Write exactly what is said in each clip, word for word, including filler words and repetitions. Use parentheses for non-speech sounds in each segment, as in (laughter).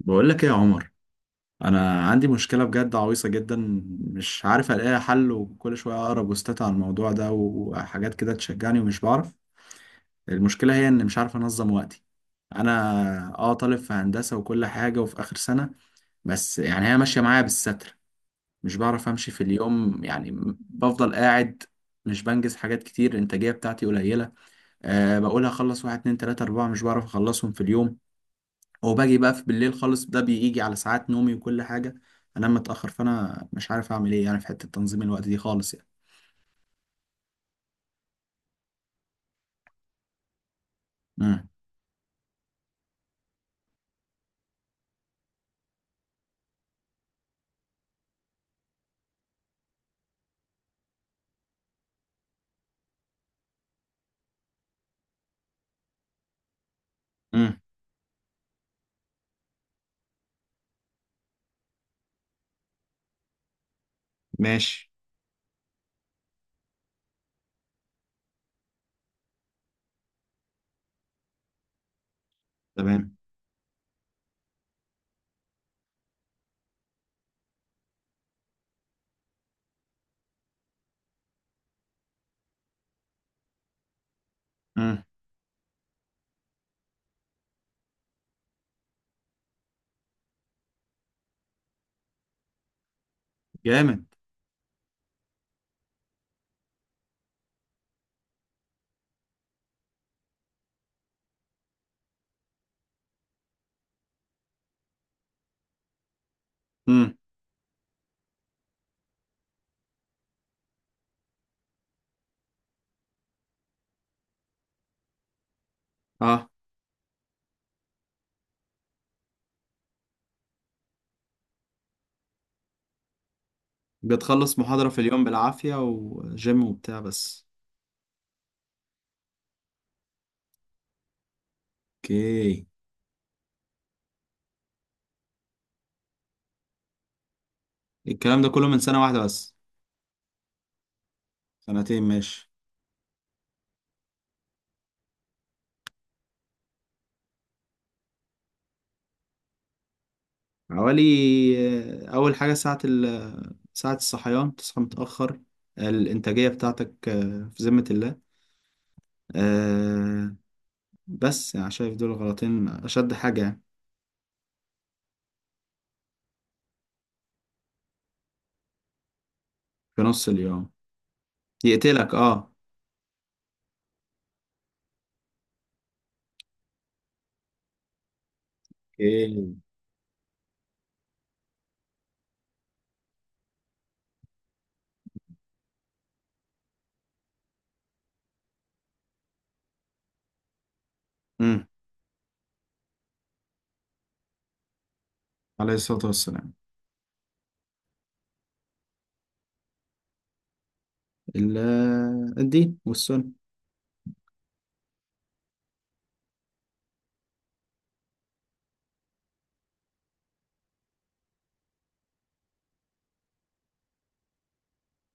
بقول لك ايه يا عمر؟ انا عندي مشكله بجد عويصه جدا. مش عارف الاقي حل، وكل شويه اقرا بوستات عن الموضوع ده وحاجات كده تشجعني ومش بعرف. المشكله هي ان مش عارف انظم وقتي. انا اه طالب في هندسه وكل حاجه وفي اخر سنه. بس يعني هي ماشيه معايا بالستر. مش بعرف امشي في اليوم يعني. بفضل قاعد. مش بنجز حاجات كتير، الانتاجيه بتاعتي قليله. أه بقول هخلص واحد اتنين تلاته اربعه، مش بعرف اخلصهم في اليوم. وباجي بقى في بالليل خالص، ده بيجي على ساعات نومي وكل حاجة. انام متأخر، فانا مش عارف اعمل ايه يعني في حتة تنظيم الوقت دي خالص يعني. امم. امم. ماشي. تمام. امم. جامد. امم. اه. بتخلص محاضرة في اليوم بالعافية وجيم وبتاع بس. اوكي. الكلام ده كله من سنة واحدة بس؟ سنتين، ماشي. حوالي. آه، أول حاجة ساعة ال ساعة الصحيان، تصحى متأخر. الإنتاجية بتاعتك آه، في ذمة الله. آه. بس انا شايف دول غلطين، اشد حاجة يعني. في نص اليوم. يقتلك اه. ايه. امم. عليه الصلاة والسلام. ال- آه، الدين والسنة.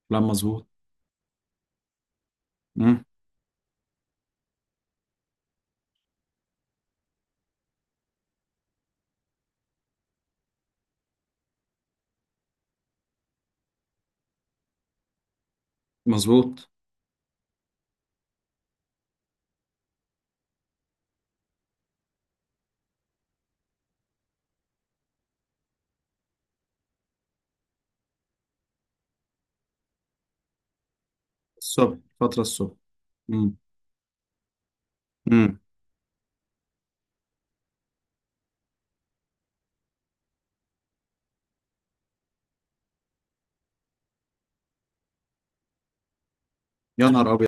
لا، مظبوط. امم. مظبوط. الصبح فترة الصبح. امم. امم. يا نهار أبيض.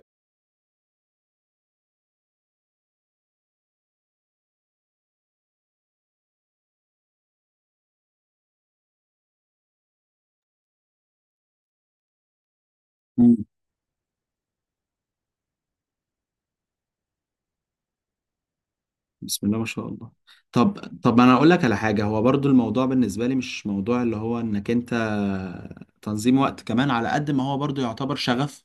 امم. بسم الله ما شاء الله. طب. طب أنا أقول لك على حاجة. هو برضو الموضوع بالنسبة لي مش موضوع اللي هو إنك أنت تنظيم وقت، كمان على قد ما هو برضو يعتبر شغف.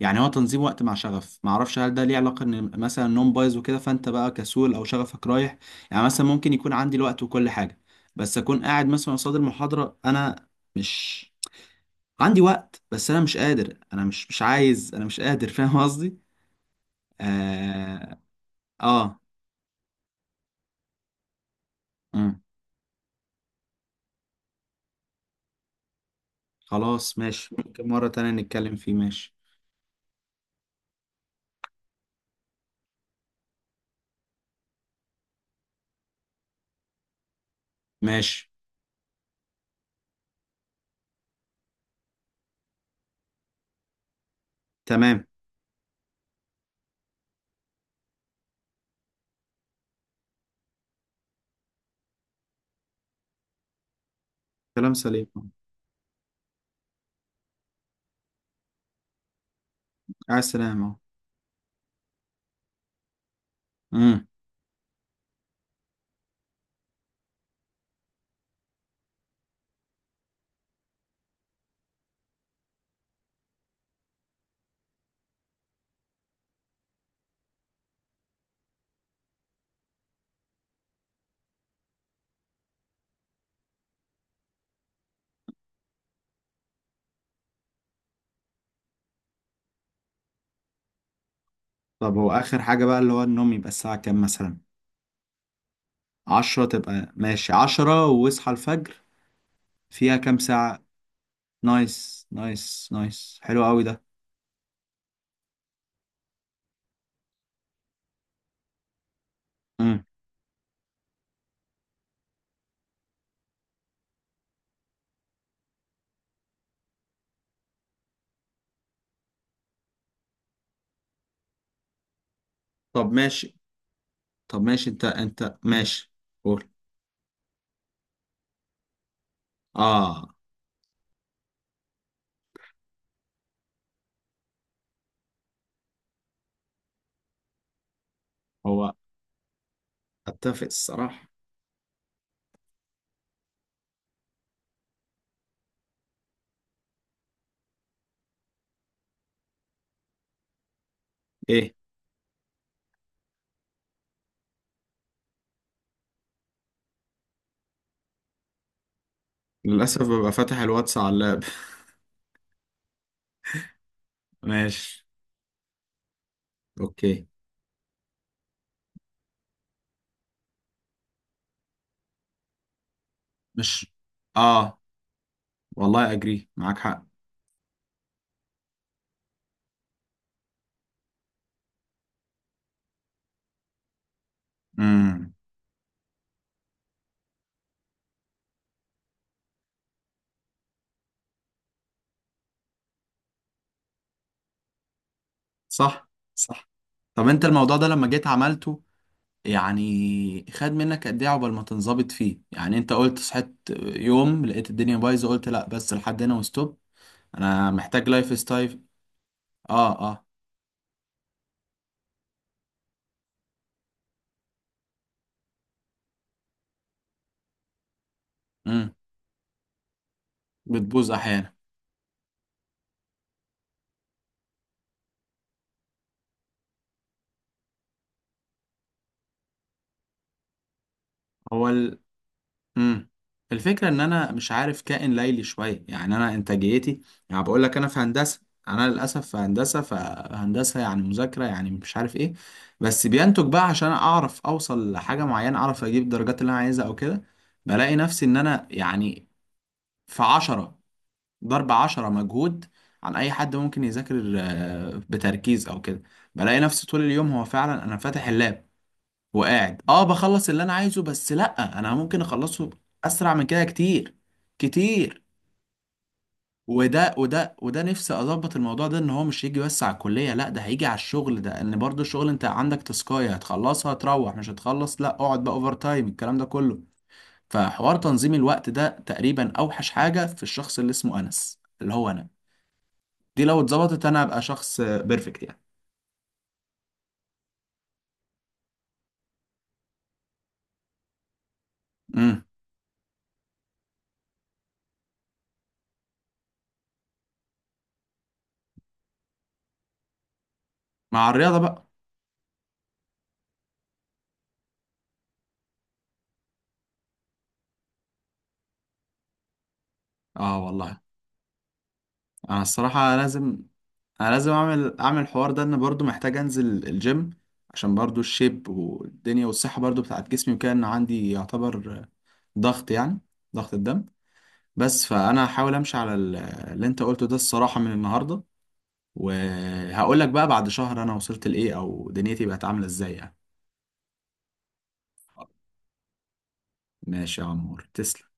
يعني هو تنظيم وقت مع شغف. ما اعرفش هل ده ليه علاقه ان مثلا النوم بايظ وكده فانت بقى كسول او شغفك رايح؟ يعني مثلا ممكن يكون عندي الوقت وكل حاجه، بس اكون قاعد مثلا قصاد المحاضره انا مش عندي وقت. بس انا مش قادر، انا مش مش عايز، انا مش قادر (laughs) فاهم قصدي؟ اه. آه. مم. خلاص ماشي، ممكن مره تانية نتكلم فيه، ماشي. ماشي. تمام. كلام سليم. على السلامه. مم. طب هو اخر حاجه بقى اللي هو النوم يبقى الساعه كام مثلا؟ عشرة؟ تبقى ماشي، عشرة واصحى الفجر. فيها كام ساعة؟ نايس، نايس، نايس، حلو قوي ده. مم. طب ماشي. طب ماشي، انت انت ماشي. قول. اه. هو اتفق الصراحة. ايه. للأسف ببقى فاتح الواتس على اللاب. (laughs) ماشي. اوكي. مش اه، والله اجري معاك حق. امم. صح. صح. طب انت الموضوع ده لما جيت عملته يعني، خد منك قد ايه عقبال ما تنظبط فيه؟ يعني انت قلت صحيت يوم لقيت الدنيا بايظه قلت لا بس لحد هنا وستوب، انا محتاج لايف ستايل. اه، اه. امم. بتبوظ احيانا. هو ال... امم. الفكره ان انا مش عارف، كائن ليلي شويه يعني، انا انتاجيتي، يعني بقول لك انا في هندسه. انا للاسف في هندسه، فهندسه يعني مذاكره يعني مش عارف ايه. بس بينتج بقى عشان اعرف اوصل لحاجه معينه، اعرف اجيب الدرجات اللي انا عايزها او كده. بلاقي نفسي ان انا يعني في عشرة ضرب عشرة مجهود عن أي حد ممكن يذاكر آه، بتركيز أو كده. بلاقي نفسي طول اليوم هو فعلا أنا فاتح اللاب وقاعد، أه بخلص اللي أنا عايزه. بس لأ، أنا ممكن أخلصه أسرع من كده كتير، كتير. وده وده وده نفسي أظبط الموضوع ده. إن هو مش هيجي بس على الكلية، لأ ده هيجي على الشغل. ده إن برضو الشغل أنت عندك تسكاية هتخلصها تروح، مش هتخلص، لأ اقعد بقى أوفر تايم الكلام ده كله. فحوار تنظيم الوقت ده تقريبا أوحش حاجة في الشخص اللي اسمه أنس اللي هو أنا. دي لو اتظبطت انا هبقى شخص بيرفكت يعني. امم. مع الرياضه بقى. اه والله. انا الصراحه لازم. انا لازم اعمل اعمل الحوار ده، ان برضو محتاج انزل الجيم، عشان برضو الشيب والدنيا والصحه برضو بتاعت جسمي وكده، ان عندي يعتبر ضغط يعني، ضغط الدم. بس فانا هحاول امشي على ال- اللي انت قلته ده الصراحه من النهارده. وهقول لك بقى بعد شهر انا وصلت لايه او دنيتي بقت عامله ازاي يعني. ماشي يا عمور، تسلم.